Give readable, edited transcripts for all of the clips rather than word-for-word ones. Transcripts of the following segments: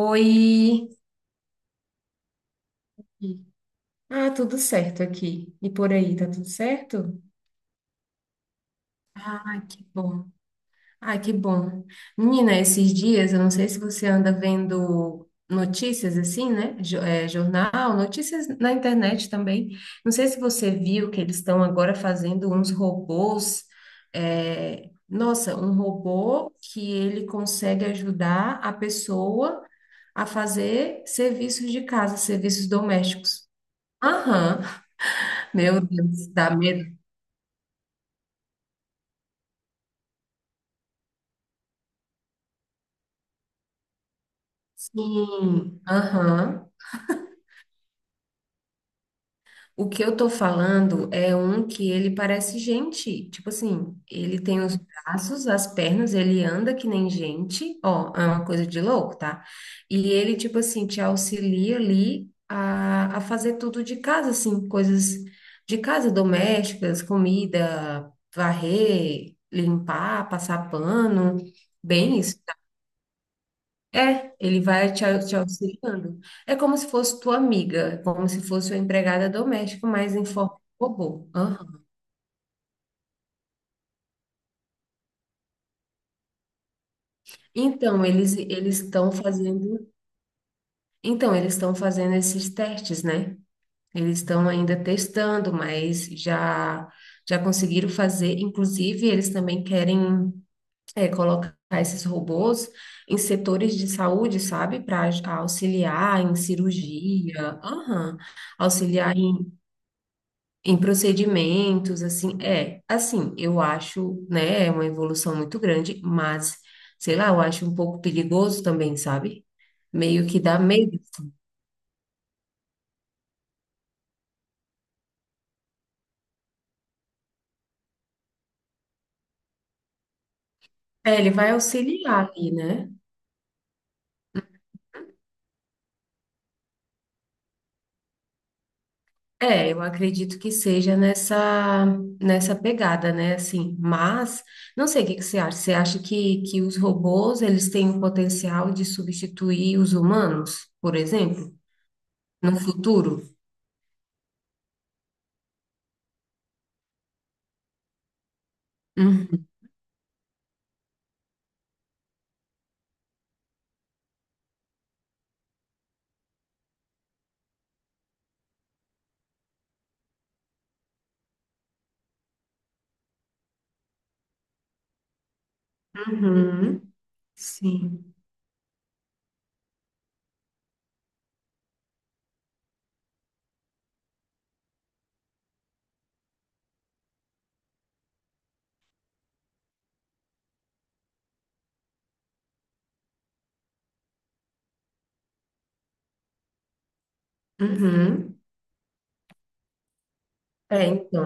Oi! Ah, tudo certo aqui. E por aí, tá tudo certo? Ah, que bom. Ah, que bom. Menina, esses dias, eu não sei se você anda vendo notícias assim, né? Jornal, notícias na internet também. Não sei se você viu que eles estão agora fazendo uns robôs. Nossa, um robô que ele consegue ajudar a pessoa a fazer serviços de casa, serviços domésticos. Aham, meu Deus, dá medo. Sim, aham. O que eu tô falando é um que ele parece gente. Tipo assim, ele tem os braços, as pernas, ele anda que nem gente. Ó, é uma coisa de louco, tá? E ele, tipo assim, te auxilia ali a fazer tudo de casa, assim, coisas de casa, domésticas, comida, varrer, limpar, passar pano. Bem isso. É, ele vai te auxiliando. É como se fosse tua amiga, é como se fosse uma empregada doméstica, mas em forma de robô. Aham. Então, eles eles estão fazendo, então, eles estão fazendo esses testes, né? Eles estão ainda testando, mas já conseguiram fazer. Inclusive, eles também querem colocar esses robôs em setores de saúde, sabe? Para auxiliar em cirurgia, aham, auxiliar em procedimentos, assim, assim, eu acho, né, é uma evolução muito grande, mas, sei lá, eu acho um pouco perigoso também, sabe? Meio que dá medo. É, ele vai auxiliar ali, né? É, eu acredito que seja nessa pegada, né, assim, mas, não sei, o que que você acha? Você acha que os robôs, eles têm o potencial de substituir os humanos, por exemplo, no futuro? Uhum. Uhum. Sim. Uhum. É, então,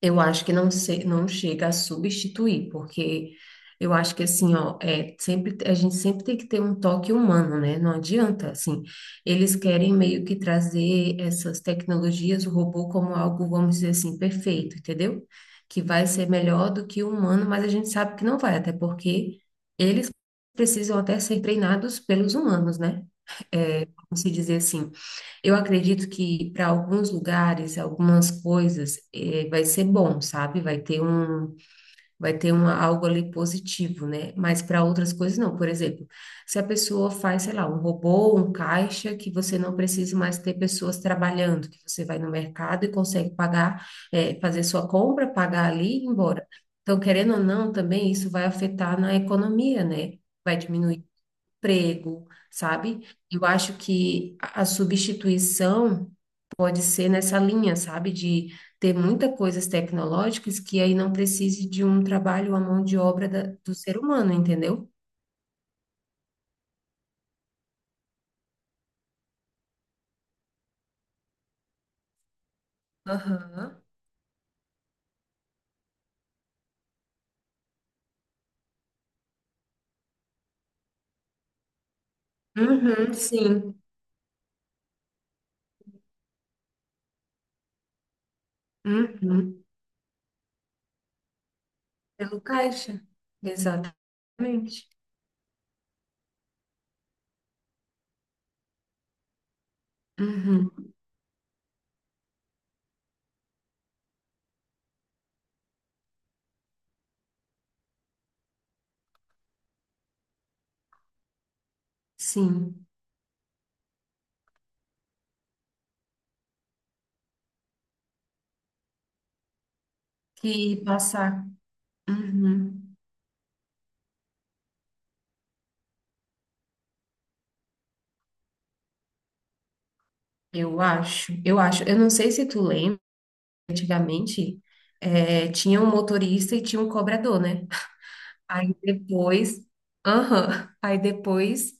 eu acho que não sei, não chega a substituir, porque eu acho que assim, ó, sempre, a gente sempre tem que ter um toque humano, né? Não adianta, assim, eles querem meio que trazer essas tecnologias, o robô como algo, vamos dizer assim, perfeito, entendeu? Que vai ser melhor do que o humano, mas a gente sabe que não vai, até porque eles precisam até ser treinados pelos humanos, né? Vamos se dizer assim. Eu acredito que para alguns lugares, algumas coisas, vai ser bom, sabe? Vai ter um, algo ali positivo, né? Mas para outras coisas não. Por exemplo, se a pessoa faz, sei lá, um robô, um caixa, que você não precisa mais ter pessoas trabalhando, que você vai no mercado e consegue pagar, fazer sua compra, pagar ali e ir embora. Então, querendo ou não, também isso vai afetar na economia, né? Vai diminuir o emprego, sabe? Eu acho que a substituição pode ser nessa linha, sabe? De ter muitas coisas tecnológicas que aí não precise de um trabalho, à mão de obra do ser humano, entendeu? Aham. Uhum, sim. Uhum. Pelo caixa. Exatamente. Uhum, sim. Que passar. Uhum. Eu acho, eu acho. Eu não sei se tu lembra, antigamente, tinha um motorista e tinha um cobrador, né? Aí depois, aham, aí depois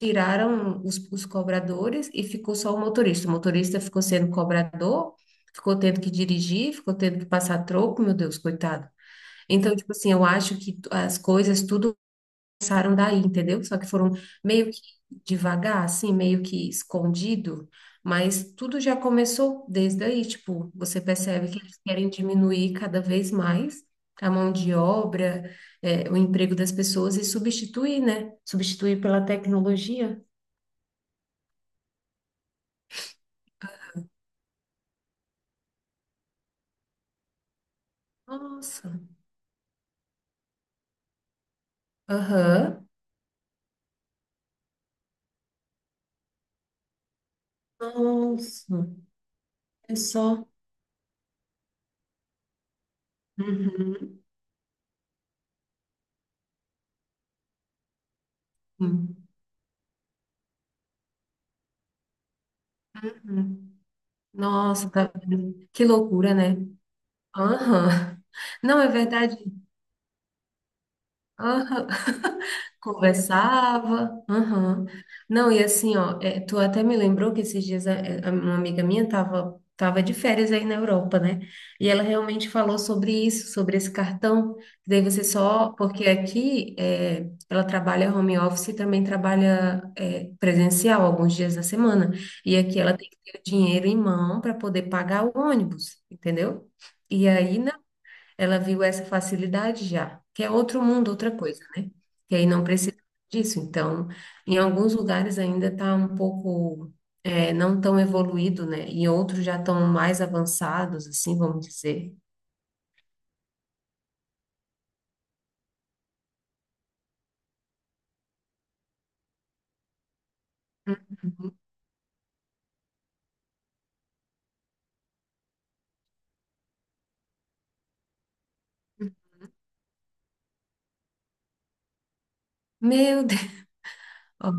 tiraram os cobradores e ficou só o motorista. O motorista ficou sendo cobrador, ficou tendo que dirigir, ficou tendo que passar troco, meu Deus, coitado. Então, tipo assim, eu acho que as coisas tudo começaram daí, entendeu? Só que foram meio que devagar, assim, meio que escondido, mas tudo já começou desde aí, tipo, você percebe que eles querem diminuir cada vez mais a mão de obra, o emprego das pessoas e substituir, né? Substituir pela tecnologia. Nossa. Aham. Nossa. É só. Uhum. Uhum. Nossa, que loucura, né? Aham. Não, é verdade. Aham. Conversava. Aham. Não, e assim, ó, tu até me lembrou que esses dias uma amiga minha tava de férias aí na Europa, né? E ela realmente falou sobre isso, sobre esse cartão. Daí você só, porque aqui ela trabalha home office e também trabalha presencial alguns dias da semana. E aqui ela tem que ter o dinheiro em mão para poder pagar o ônibus, entendeu? E aí, não. Ela viu essa facilidade já, que é outro mundo, outra coisa, né? Que aí não precisa disso. Então, em alguns lugares ainda está um pouco não tão evoluído, né? E outros já estão mais avançados, assim, vamos dizer. Meu Deus! Ó,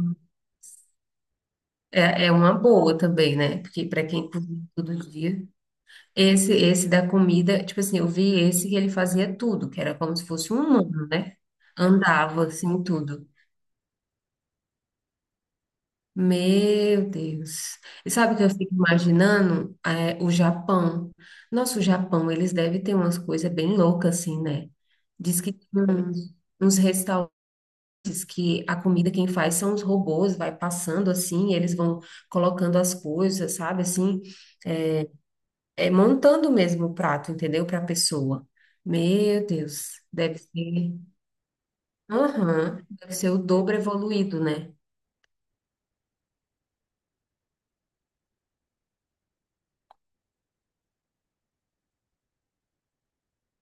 É uma boa também, né? Porque para quem cozinha todo dia, esse da comida, tipo assim, eu vi esse que ele fazia tudo, que era como se fosse um humano, né? Andava assim tudo. Meu Deus. E sabe o que eu fico imaginando? É, o Japão. Nossa, o Japão, eles devem ter umas coisas bem loucas, assim, né? Diz que tem uns restaurantes que a comida quem faz são os robôs, vai passando assim, eles vão colocando as coisas, sabe? Assim, montando mesmo o prato, entendeu? Para a pessoa. Meu Deus, deve ser. Aham, deve ser o dobro evoluído, né?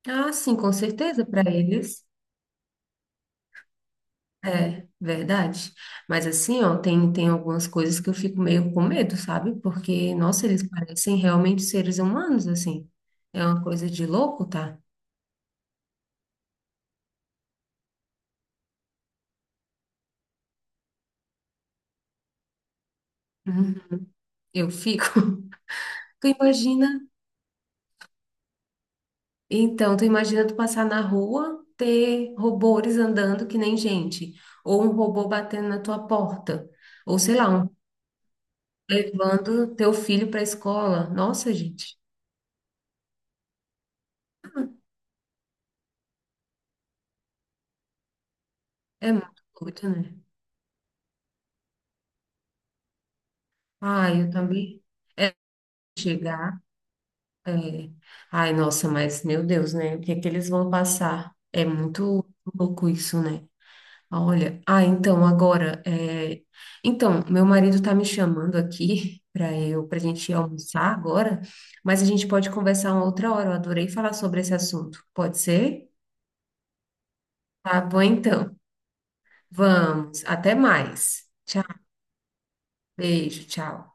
Ah, sim, com certeza, para eles. É, verdade. Mas assim, ó, tem algumas coisas que eu fico meio com medo, sabe? Porque, nossa, eles parecem realmente seres humanos, assim. É uma coisa de louco, tá? Uhum. Eu fico. Tu imagina? Então, tu imagina tu passar na rua, ter robôs andando que nem gente, ou um robô batendo na tua porta, ou sei lá, um levando teu filho pra escola. Nossa, gente, é muito doido, né? Ah, eu também. É chegar. É. Ai, nossa, mas meu Deus, né? O que é que eles vão passar? É muito louco isso, né? Olha, ah, então meu marido tá me chamando aqui para gente almoçar agora, mas a gente pode conversar uma outra hora. Eu adorei falar sobre esse assunto. Pode ser? Tá bom, então. Vamos. Até mais. Tchau. Beijo. Tchau.